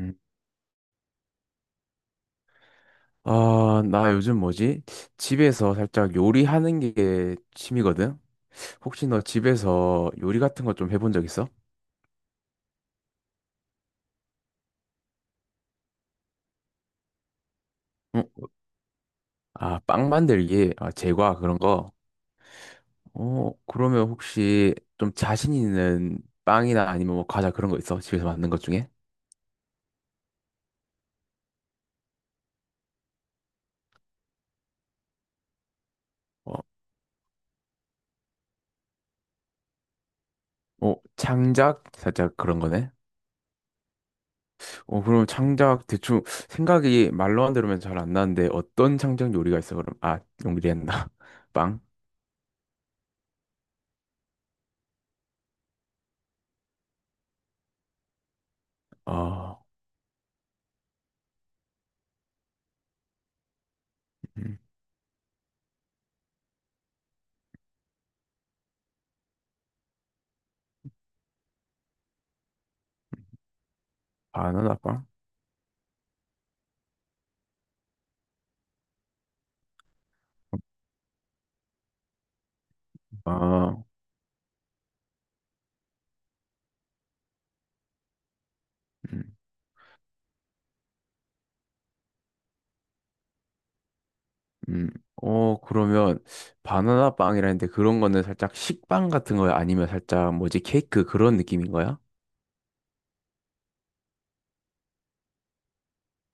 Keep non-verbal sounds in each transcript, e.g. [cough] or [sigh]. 음. 아, 나 요즘 뭐지? 집에서 살짝 요리하는 게 취미거든? 혹시 너 집에서 요리 같은 거 좀 해본 적 있어? 응. 아, 빵 만들기, 아, 제과 그런 거. 어, 그러면 혹시 좀 자신 있는 빵이나 아니면 뭐 과자 그런 거 있어? 집에서 만든 것 중에? 어, 어, 창작? 살짝 그런 거네. 어, 그럼 창작 대충 생각이 말로만 들으면 잘 안 나는데 어떤 창작 요리가 있어, 그럼? 아, 용기리 했나? [laughs] 빵? 어, 음, 바나나 빵? 아, 음, 음. 어, 그러면 바나나 빵이라는데 그런 거는 살짝 식빵 같은 거야? 아니면 살짝 뭐지 케이크 그런 느낌인 거야?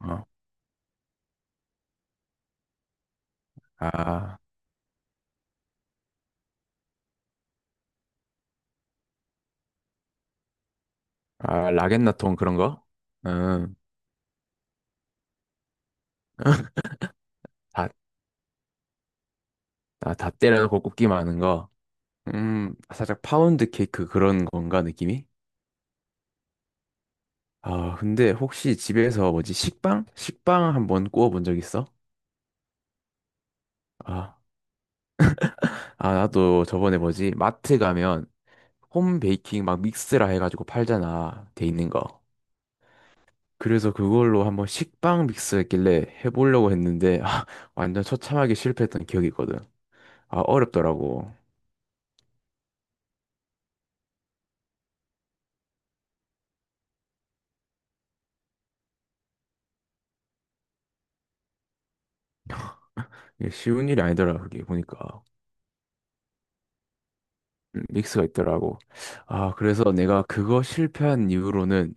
어. 아, 아, 라겐나통 그런 거? 음, 다, 아, 다 때려놓고 굽기만 하는 거. 살짝 파운드 케이크 그런 건가 느낌이? 아, 근데 혹시 집에서 뭐지 식빵? 식빵 한번 구워본 적 있어? 아, 아, 나도 저번에 뭐지 마트 가면 홈 베이킹 막 믹스라 해가지고 팔잖아. 돼 있는 거. 그래서 그걸로 한번 식빵 믹스 했길래 해보려고 했는데 아, 완전 처참하게 실패했던 기억이 있거든. 아, 어렵더라고. 이게 쉬운 일이 아니더라, 그게 보니까. 믹스가 있더라고. 아, 그래서 내가 그거 실패한 이후로는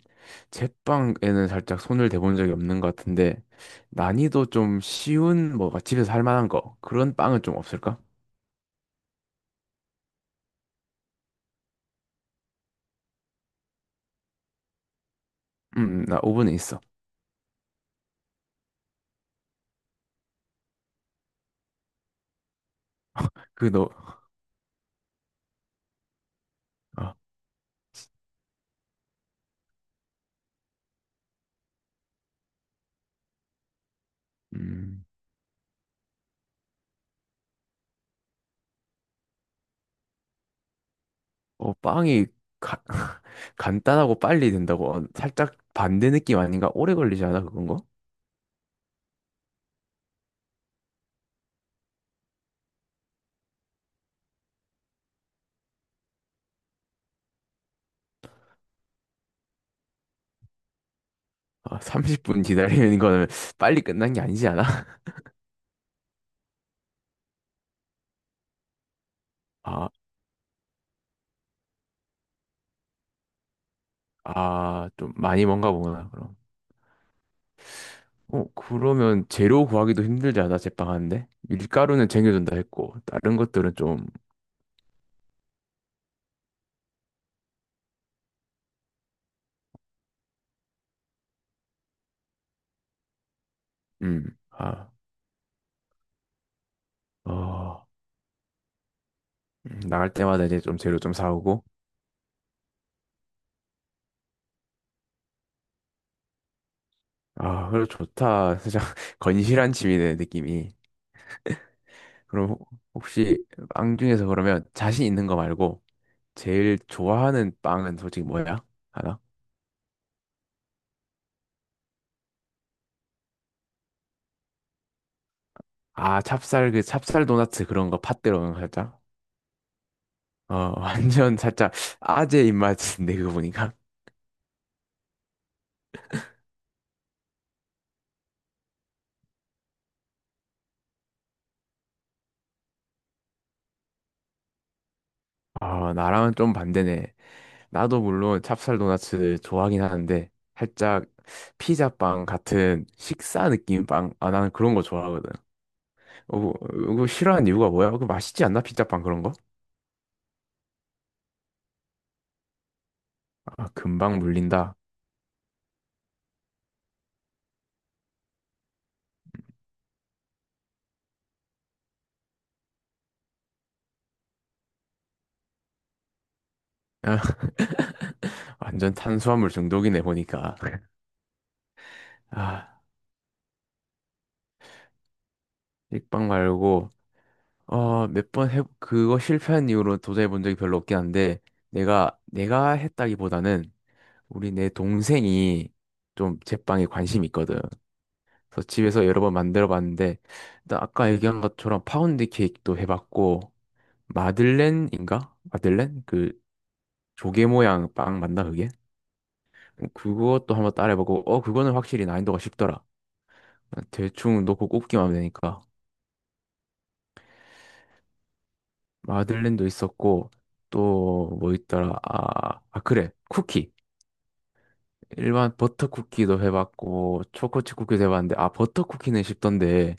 제빵에는 살짝 손을 대본 적이 없는 것 같은데 난이도 좀 쉬운 뭐가 집에서 할 만한 거 그런 빵은 좀 없을까? 나 오븐에 있어. 그 너, 아, 음. 어, 빵이 가- [laughs] 간단하고 빨리 된다고 어, 살짝 반대 느낌 아닌가? 오래 걸리지 않아 그건 거? 아, 30분 기다리는 거는 [laughs] 빨리 끝난 게 아니지 않아? [laughs] 아, 아, 좀 많이 먼가 보구나 그럼. 어, 그러면 재료 구하기도 힘들지 않아 제빵하는데? 밀가루는 챙겨준다 했고 다른 것들은 좀, 아, 어, 나갈 때마다 이제 좀 재료 좀 사오고. 아, 그래 좋다. 살짝 [laughs] 건실한 집이네 느낌이. 그럼 혹시 빵 중에서 그러면 자신 있는 거 말고 제일 좋아하는 빵은 솔직히 뭐야? 하나? 아, 찹쌀 그 찹쌀 도넛 그런 거 팥들어간 거 살짝. 어, [laughs] 완전 살짝 아재 입맛인데 그거 보니까. 아, 나랑은 좀 반대네. 나도 물론 찹쌀 도넛 좋아하긴 하는데 살짝 피자빵 같은 식사 느낌 빵. 아, 나는 그런 거 좋아하거든. 어, 그거 싫어하는 이유가 뭐야? 그 맛있지 않나? 피자빵 그런 거? 아, 금방 물린다. 완전 탄수화물 중독이네 보니까. [laughs] 아, 식빵 말고 어, 몇 번 해 그거 실패한 이후로 도전해 본 적이 별로 없긴 한데 내가 했다기보다는 우리 내 동생이 좀 제빵에 관심이 있거든. 그래서 집에서 여러 번 만들어 봤는데 일단 아까 얘기한 것처럼 파운드 케이크도 해 봤고 마들렌인가? 마들렌? 그 조개 모양 빵 맞나 그게? 그것도 한번 따라해 보고 어 그거는 확실히 난이도가 쉽더라. 대충 놓고 굽기만 하면 되니까. 마들렌도 있었고 또 뭐 있더라 아, 아 그래 쿠키 일반 버터 쿠키도 해봤고 초코칩 쿠키도 해봤는데 아 버터 쿠키는 쉽던데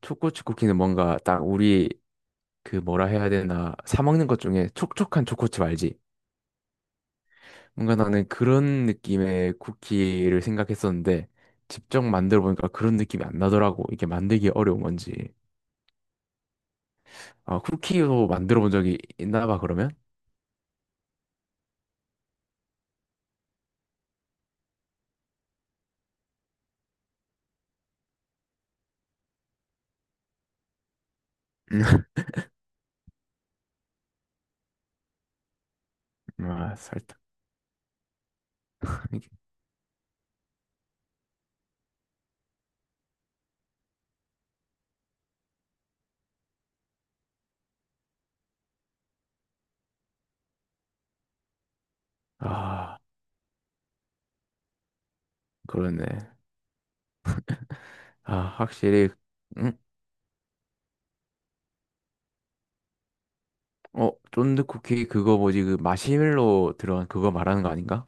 초코칩 쿠키는 뭔가 딱 우리 그 뭐라 해야 되나 사 먹는 것 중에 촉촉한 초코칩 알지? 뭔가 나는 그런 느낌의 쿠키를 생각했었는데 직접 만들어 보니까 그런 느낌이 안 나더라고 이게 만들기 어려운 건지 아 쿠키로 만들어 본 적이 있나 봐 그러면 [laughs] 아 살짝 아 그러네 아, 확실히, 응? 어, 쫀득쿠키 그거 뭐지, 그 마시멜로 들어간 그거 말하는 거 아닌가?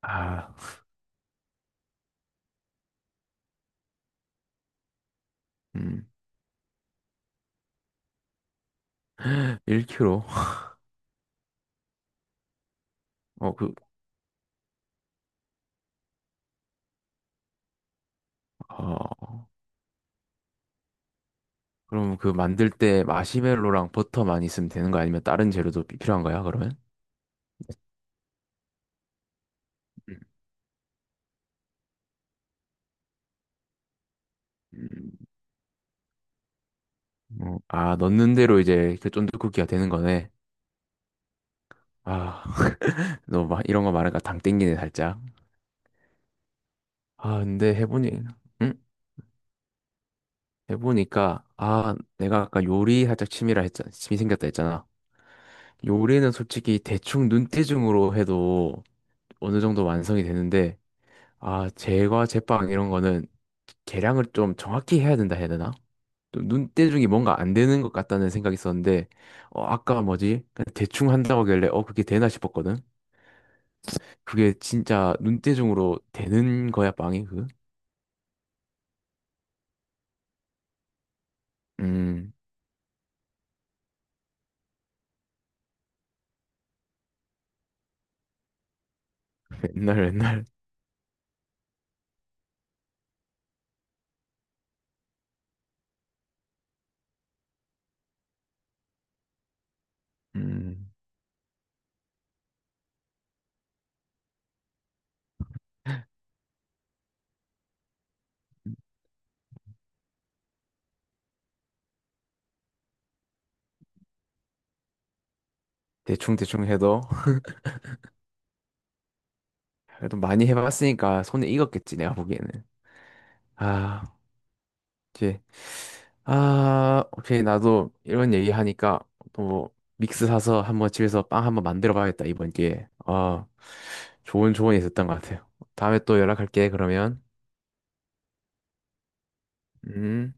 아, 음, 1kg. 어, 그, 어, 그럼 그 만들 때 마시멜로랑 버터 많이 쓰면 되는 거 아니면 다른 재료도 필요한 거야, 그러면? 음, 음, 어, 아, 넣는 대로 이제 그 쫀득쿠키가 되는 거네. 아, [laughs] 너 막 이런 거 말하니까 당 땡기네, 살짝. 아, 근데 해보니, 응? 해보니까, 아, 내가 아까 요리 살짝 취미라 했잖아. 취미 생겼다 했잖아. 요리는 솔직히 대충 눈대중으로 해도 어느 정도 완성이 되는데, 아, 제과 제빵 이런 거는 계량을 좀 정확히 해야 된다 해야 되나? 좀 눈대중이 뭔가 안 되는 것 같다는 생각이 있었는데, 어, 아까 뭐지? 그냥 대충 한다고 하길래, 어, 그게 되나 싶었거든? 그게 진짜 눈대중으로 되는 거야, 빵이, 그? 음, 맨날 맨날, 음, 대충대충 해도, [laughs] 그래도 많이 해봤으니까 손에 익었겠지, 내가 보기에는. 아. 이제 아 오케이 나도 이런 얘기 하니까 또 뭐 믹스 사서 한번 집에서 빵 한번 만들어 봐야겠다 이번 기회에 아 좋은 조언이 있었던 것 같아요 다음에 또 연락할게 그러면 음